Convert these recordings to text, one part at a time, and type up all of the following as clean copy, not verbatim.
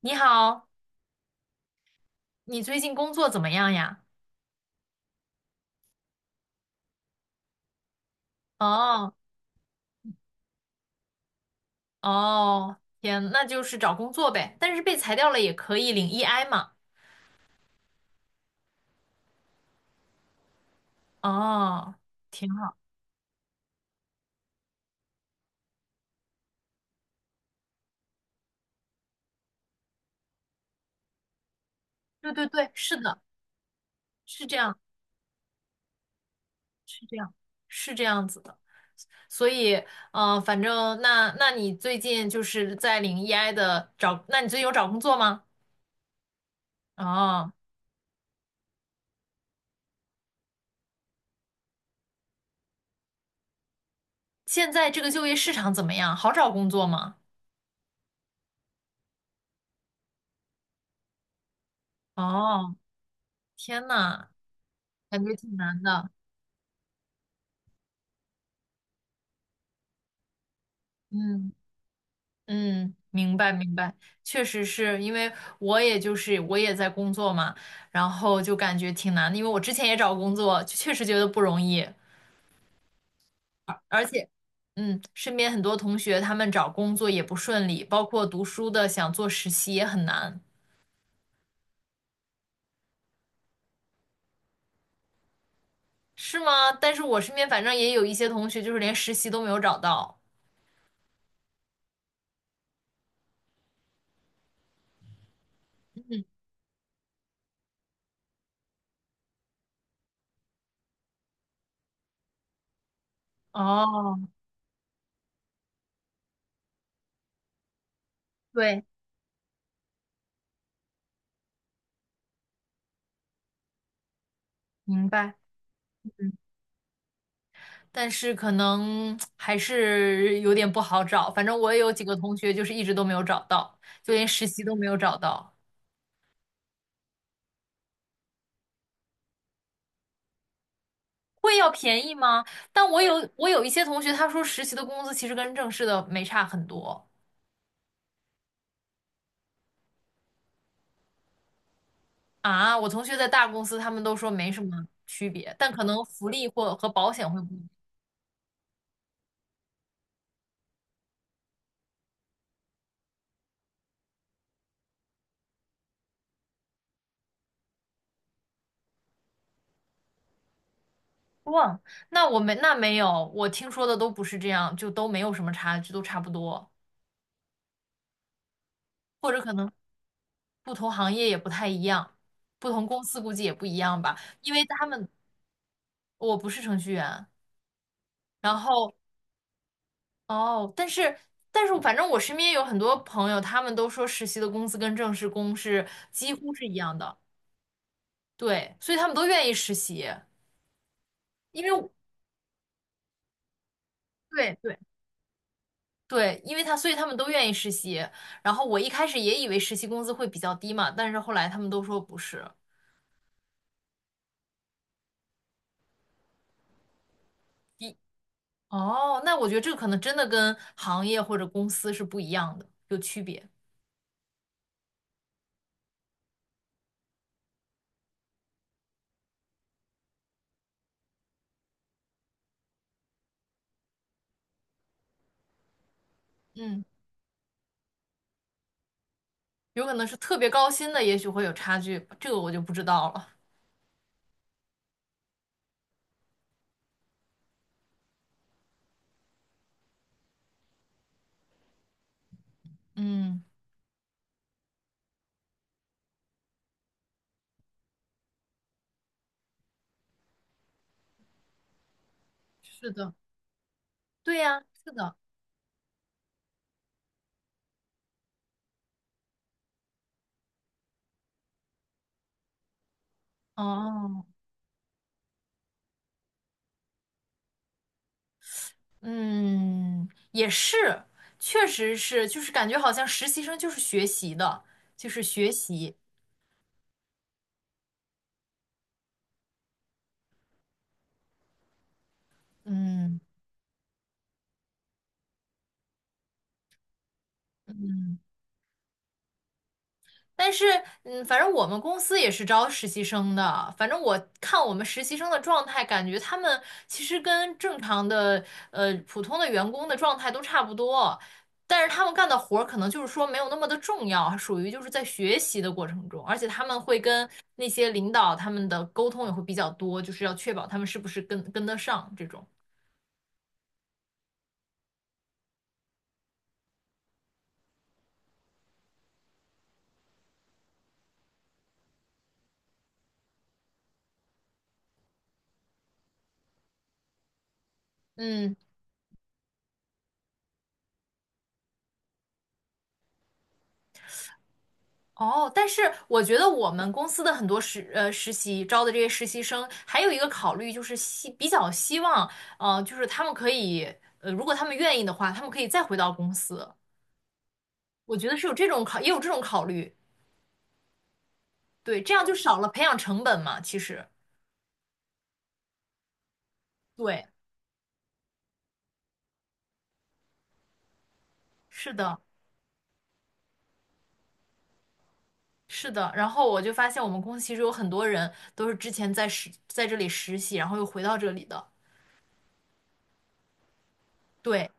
你好，你最近工作怎么样呀？哦哦，天，那就是找工作呗，但是被裁掉了也可以领 EI 嘛。哦，挺好。对对对，是的，是这样，是这样，是这样子的。所以，反正那你最近就是在领 EI 的找，那你最近有找工作吗？哦，现在这个就业市场怎么样？好找工作吗？哦，天呐，感觉挺难的。嗯。嗯，明白明白，确实是因为我也在工作嘛，然后就感觉挺难的，因为我之前也找工作，就确实觉得不容易，而且，嗯，身边很多同学他们找工作也不顺利，包括读书的想做实习也很难，是吗？但是我身边反正也有一些同学就是连实习都没有找到。哦，对，明白。但是可能还是有点不好找。反正我也有几个同学，就是一直都没有找到，就连实习都没有找到。会要便宜吗？但我有我有一些同学，他说实习的工资其实跟正式的没差很多啊。我同学在大公司，他们都说没什么区别，但可能福利或和保险会不一样。哇，那没有，我听说的都不是这样，就都没有什么差距，都差不多，或者可能。不同行业也不太一样，不同公司估计也不一样吧，因为他们我不是程序员，然后哦，但是反正我身边有很多朋友，他们都说实习的工资跟正式工几乎是一样的，对，所以他们都愿意实习，因为我对对。对，因为他，所以他们都愿意实习。然后我一开始也以为实习工资会比较低嘛，但是后来他们都说不是。低哦，那我觉得这个可能真的跟行业或者公司是不一样的，有区别。嗯。有可能是特别高薪的，也许会有差距，这个我就不知道了。嗯，是的，对呀，是的，哦，嗯，也是，确实是，就是感觉好像实习生就是学习的，就是学习，嗯。但是，嗯，反正我们公司也是招实习生的。反正我看我们实习生的状态，感觉他们其实跟正常的普通的员工的状态都差不多，但是他们干的活儿可能就是说没有那么的重要，属于就是在学习的过程中，而且他们会跟那些领导他们的沟通也会比较多，就是要确保他们是不是跟得上这种。嗯。哦，但是我觉得我们公司的很多实习招的这些实习生，还有一个考虑就是比较希望，呃，就是他们可以，呃，如果他们愿意的话，他们可以再回到公司。我觉得是有这种考，也有这种考虑，对，这样就少了培养成本嘛。其实，对，是的，是的。然后我就发现我们公司其实有很多人都是之前在这里实习，然后又回到这里的。对，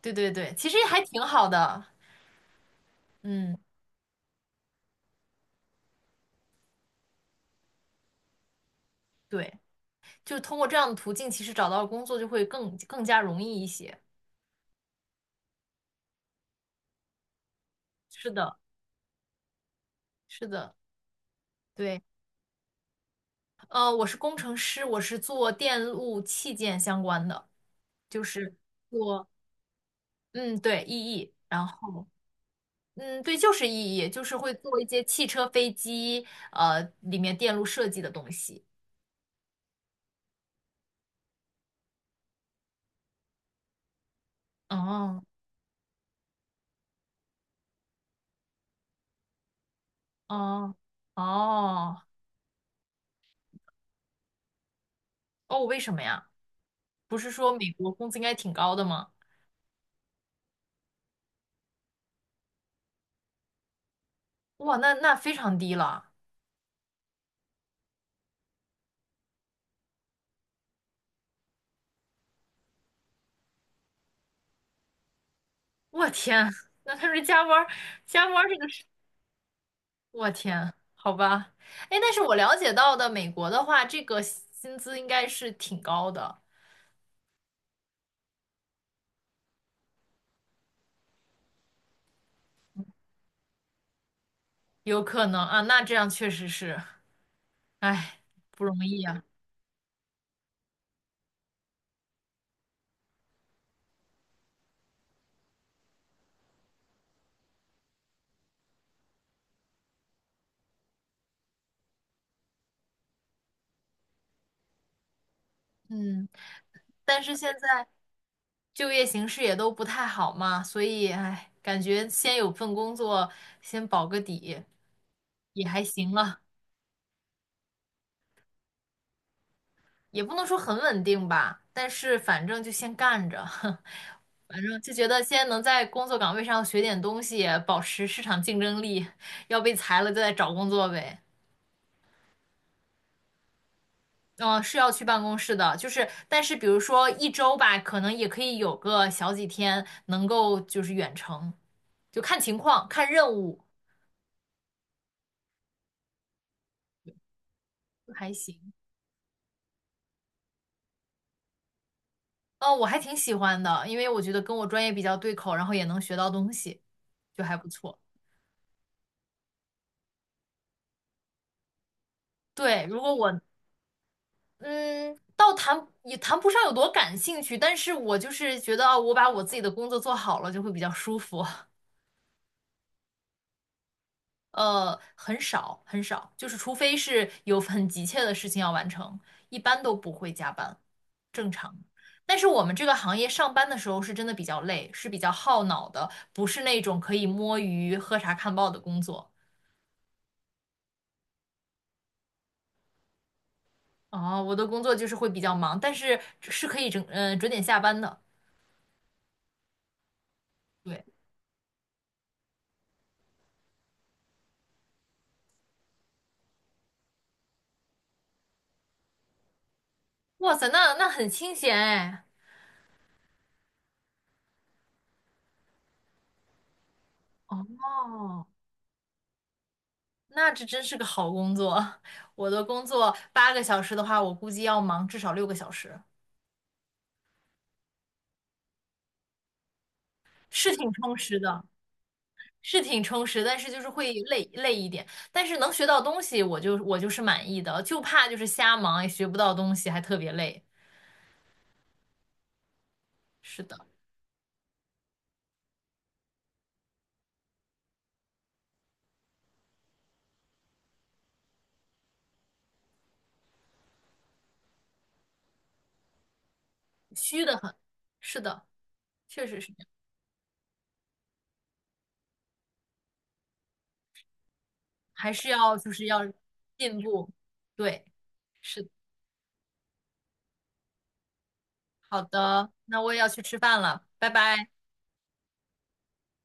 对对对，其实也还挺好的。嗯，对。就通过这样的途径，其实找到工作就会更更加容易一些。是的，是的，对，呃，我是工程师，我是做电路器件相关的，就是做，嗯，对，EE，然后，嗯，对，就是 EE，就是会做一些汽车、飞机，呃，里面电路设计的东西。哦，哦，哦，哦，为什么呀？不是说美国工资应该挺高的吗？哇，那那非常低了。我天，那他这加班儿加班儿这个是，我天，好吧，哎，但是我了解到的美国的话，这个薪资应该是挺高的，有可能啊，那这样确实是，哎，不容易啊，嗯，但是现在就业形势也都不太好嘛，所以哎，感觉先有份工作，先保个底，也还行了。也不能说很稳定吧，但是反正就先干着，反正就觉得先能在工作岗位上学点东西，保持市场竞争力，要被裁了就再找工作呗。嗯，是要去办公室的，就是，但是比如说一周吧，可能也可以有个小几天能够就是远程，就看情况，看任务，就还行。嗯，我还挺喜欢的，因为我觉得跟我专业比较对口，然后也能学到东西，就还不错。对，如果我嗯，倒也谈不上有多感兴趣，但是我就是觉得啊，我把我自己的工作做好了就会比较舒服。呃，很少，就是除非是有很急切的事情要完成，一般都不会加班，正常。但是我们这个行业上班的时候是真的比较累，是比较耗脑的，不是那种可以摸鱼、喝茶看报的工作。哦，我的工作就是会比较忙，但是是可以整，呃，准点下班的。对，哇塞，那那很清闲哎。哦，那这真是个好工作。我的工作八个小时的话，我估计要忙至少六个小时，是挺充实的，是挺充实，但是就是会累一点。但是能学到东西，我就是满意的，就怕就是瞎忙也学不到东西，还特别累。是的，虚的很。是的，确实是这样，还是要进步。对，是的，好的，那我也要去吃饭了，拜拜。